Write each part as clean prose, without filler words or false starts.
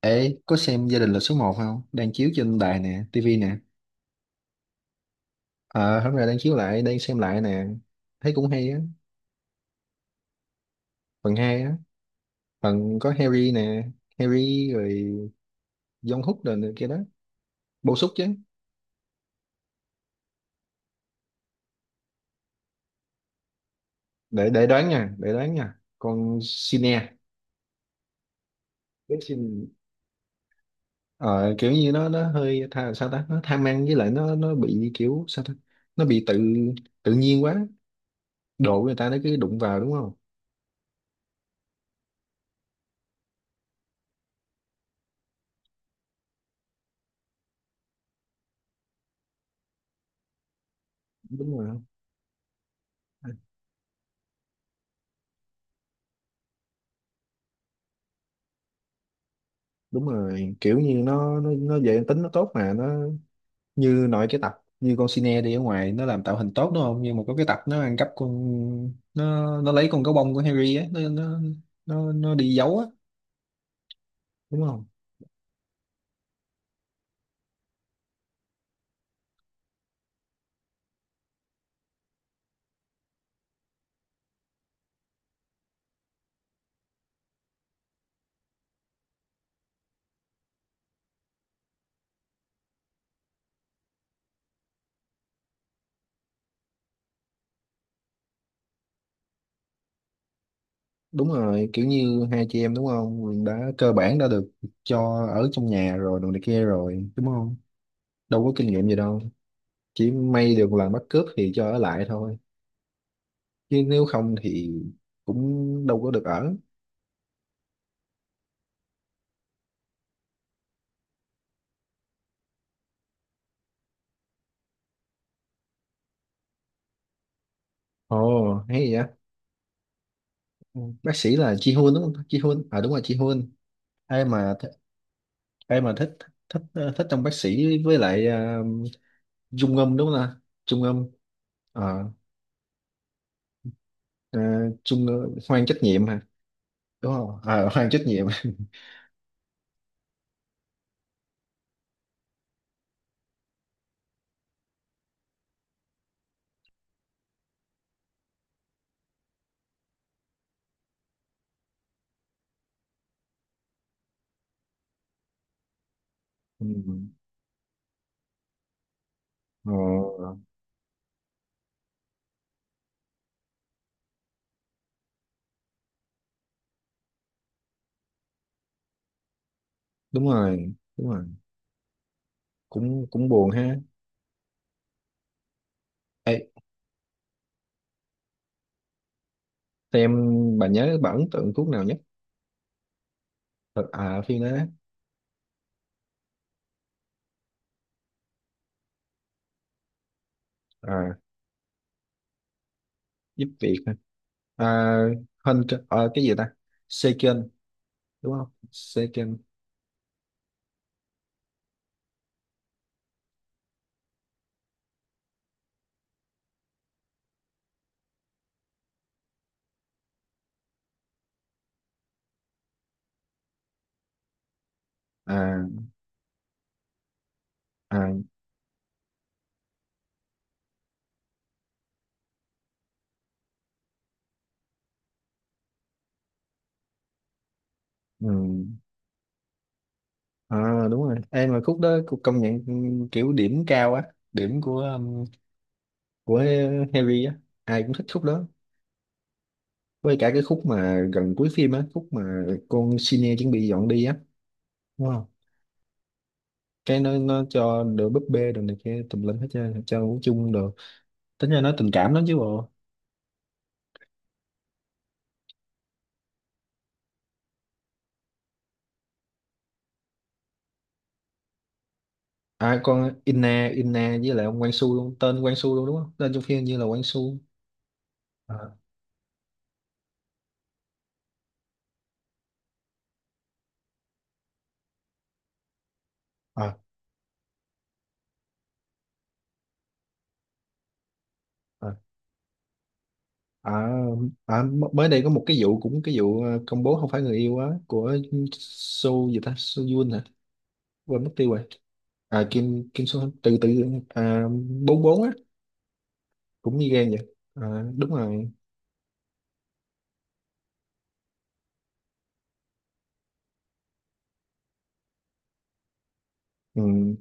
Ê, có xem Gia đình là số một không? Đang chiếu trên đài nè, tivi nè. Ờ, hôm nay đang chiếu lại, đang xem lại nè. Thấy cũng hay á, phần 2 á. Phần có Harry nè, Harry rồi John Hook rồi này kia đó. Bổ sung chứ. Để đoán nha, để đoán nha. Con Sine, cái Sin ờ, kiểu như nó hơi tha, sao ta? Nó tham ăn với lại nó bị kiểu sao ta? Nó bị tự tự nhiên quá. Đồ của người ta nó cứ đụng vào đúng không? Đúng rồi đúng rồi, kiểu như nó về tính nó tốt mà nó như nói cái tập như con sine đi ở ngoài nó làm tạo hình tốt đúng không, nhưng mà có cái tập nó ăn cắp con, nó lấy con gấu bông của Harry á, nó đi giấu á, đúng không? Đúng rồi, kiểu như hai chị em đúng không, đã cơ bản đã được cho ở trong nhà rồi đồ này kia rồi đúng không, đâu có kinh nghiệm gì đâu, chỉ may được làm bắt cướp thì cho ở lại thôi, chứ nếu không thì cũng đâu có được ở. Ồ hay vậy. Ừ, bác sĩ là Ji Hoon đúng không? Ji Hoon à, đúng rồi, Ji Hoon. ai mà th- Ai mà thích, thích thích trong bác sĩ với lại Trung Ngâm đúng không ta, Trung Ngâm. Ờ, Trung Hoan trách nhiệm hả, đúng không, Hoan trách nhiệm. Ừ. Ờ, đúng rồi, đúng rồi, cũng cũng buồn ha. Ê, em bà nhớ bà ấn tượng thuốc nào nhất. Ờ, phim đó. à, Giúp việc hả? à, Hơn, cái gì ta, Seiken đúng không, second. à à ừ. Đúng rồi, em mà khúc đó cũng công nhận. Ừ, kiểu điểm cao á, điểm của Harry á, ai cũng thích khúc đó. Với cả cái khúc mà gần cuối phim á, khúc mà con Senior chuẩn bị dọn đi á, đúng không, cái nó cho đồ búp bê đồ này kia tùm lum hết trơn cho ngủ chung đồ, tính ra nó tình cảm lắm chứ bộ. À, con Inna Inna với lại ông Quang Su luôn, tên Quang Su luôn đúng không, tên trong phim như là Quang Su. à, à, à. À, à, Mới đây có một cái vụ, cũng cái vụ công bố không phải người yêu á của Su gì ta, Su Yun hả, quên mất tiêu rồi. À Kim Kim Su từ từ à, bốn bốn á, cũng như gan vậy. à, Đúng rồi. Ừ,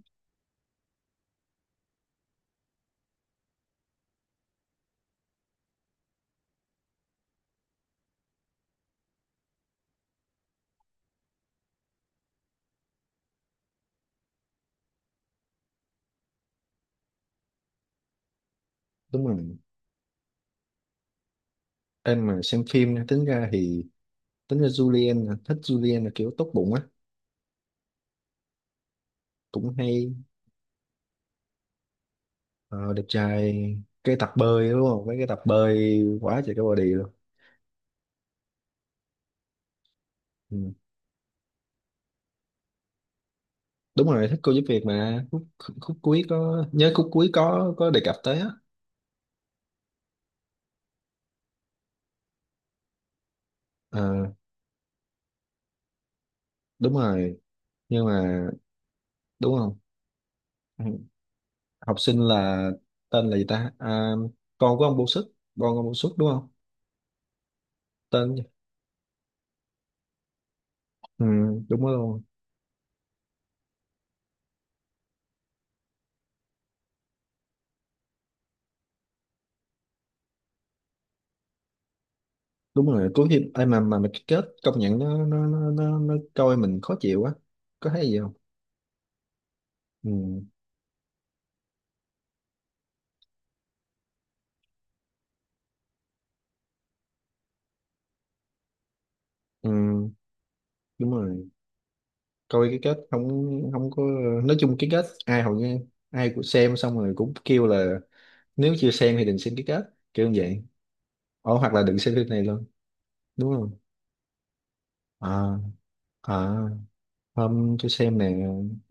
đúng rồi, em mà xem phim nha, tính ra thì tính ra Julian là- thích Julian là kiểu tốt bụng á, cũng hay. Ờ, đẹp trai, cái tập bơi đúng không, mấy cái tập bơi quá trời cái body luôn. Ừ. Đúng rồi, thích cô giúp việc mà khúc, khúc cuối có nhớ khúc cuối có đề cập tới á. Ờ, đúng rồi, nhưng mà đúng không. Ừ. Học sinh là, tên là gì ta, con của ông Bô Sức, con ông Bô Sức đúng không, tên. Ừ, đúng rồi, đúng rồi. Cuối phim ai mà cái kết, công nhận nó coi mình khó chịu quá. Có thấy gì không. Ừ, ừ, đúng rồi, coi cái kết không, không có. Nói chung cái kết ai hầu như ai cũng xem xong rồi cũng kêu là, nếu chưa xem thì đừng xem cái kết, kiểu như vậy. Ồ, hoặc là đừng xem phim này luôn, đúng không. à à Hôm tôi xem nè,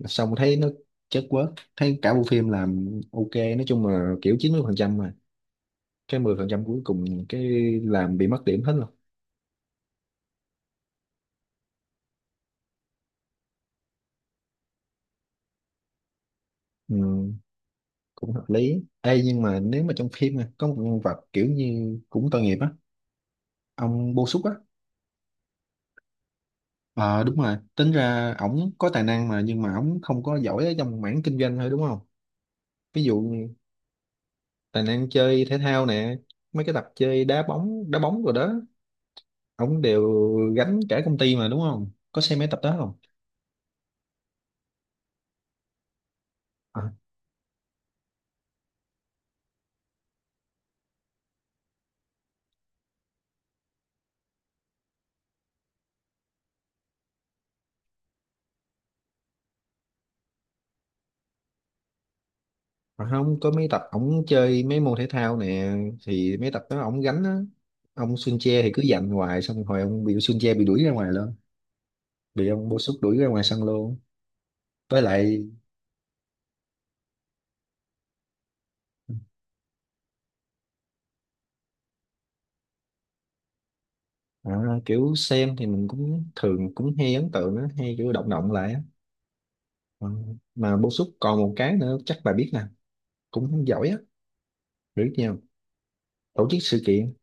xong thấy nó chất quá, thấy cả bộ phim làm ok, nói chung là kiểu 90% phần trăm, mà cái 10% phần trăm cuối cùng cái làm bị mất điểm hết rồi. Ừ, cũng hợp lý. Ê, nhưng mà nếu mà trong phim mà có một nhân vật kiểu như cũng tội nghiệp á, ông Bô Xúc á. Ờ đúng rồi, tính ra ổng có tài năng mà, nhưng mà ổng không có giỏi ở trong mảng kinh doanh thôi đúng không. Ví dụ tài năng chơi thể thao nè, mấy cái tập chơi đá bóng rồi đó, ổng đều gánh cả công ty mà, đúng không, có xem mấy tập đó không. à, Không có mấy tập ổng chơi mấy môn thể thao nè, thì mấy tập đó ổng gánh á, ông Sun Che thì cứ giành hoài xong rồi ông bị Sun Che bị đuổi ra ngoài luôn, bị ông bô súc đuổi ra ngoài sân luôn. Với lại, à, kiểu xem thì mình cũng thường cũng hay ấn tượng á, hay kiểu động động lại á. Ờ, mà bô súc còn một cái nữa chắc bà biết nè, cũng giỏi á, biết nhau, tổ chức sự kiện,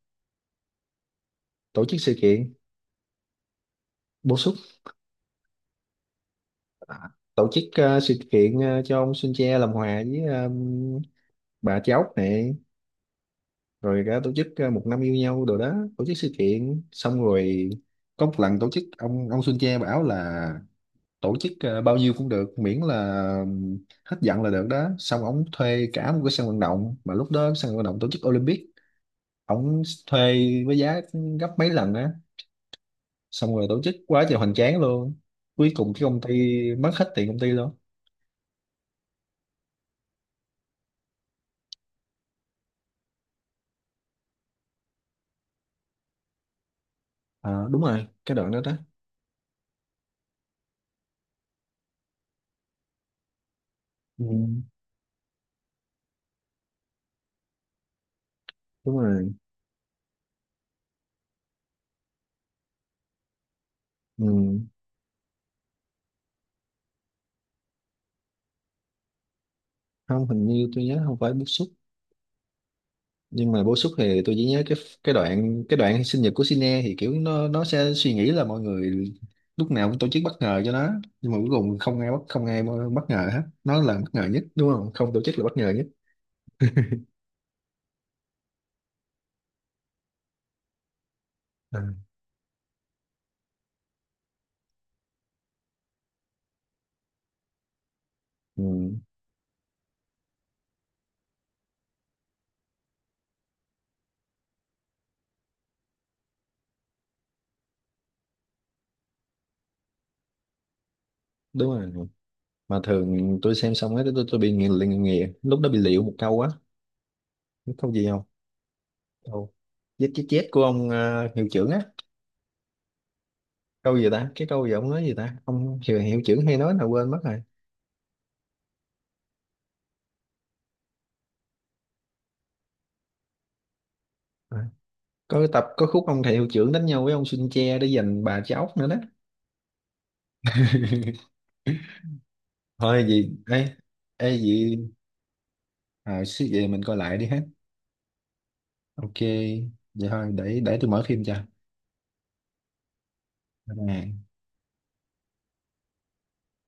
tổ chức sự kiện, bổ xúc. À, tổ chức sự kiện cho ông Sun Che làm hòa với bà cháu này, rồi cả tổ chức một năm yêu nhau đồ đó, tổ chức sự kiện xong rồi có một lần tổ chức ông Sun Che bảo là tổ chức bao nhiêu cũng được miễn là hết giận là được đó, xong ông thuê cả một cái sân vận động mà lúc đó sân vận động tổ chức Olympic, ông thuê với giá gấp mấy lần á, xong rồi tổ chức quá trời hoành tráng luôn, cuối cùng cái công ty mất hết tiền công ty luôn. À, đúng rồi cái đoạn đó đó. Ừ, đúng rồi. Ừ. Không, hình như tôi nhớ không phải bức xúc, nhưng mà bức xúc thì tôi chỉ nhớ cái, cái đoạn sinh nhật của Sine thì kiểu nó sẽ suy nghĩ là mọi người lúc nào cũng tổ chức bất ngờ cho nó, nhưng mà cuối cùng không ai bất, không ai bất ngờ hết, nó là bất ngờ nhất đúng không, không tổ chức là bất ngờ nhất. À. Ừ, đúng rồi, mà thường tôi xem xong ấy, tôi bị nghiền liền, nghiền lúc đó bị liệu một câu á. Biết câu gì không. Câu chết chết chết của ông hiệu trưởng á. Câu gì ta, cái câu gì ông nói gì ta, ông hiệu trưởng hay nói là quên mất rồi. À. Có cái tập có khúc ông thầy hiệu trưởng đánh nhau với ông Sun Che để giành bà cháu nữa đó. Thôi gì ê. Ê gì. Suy về mình coi lại đi hết. Ok, vậy thôi, để tôi mở phim cho. À.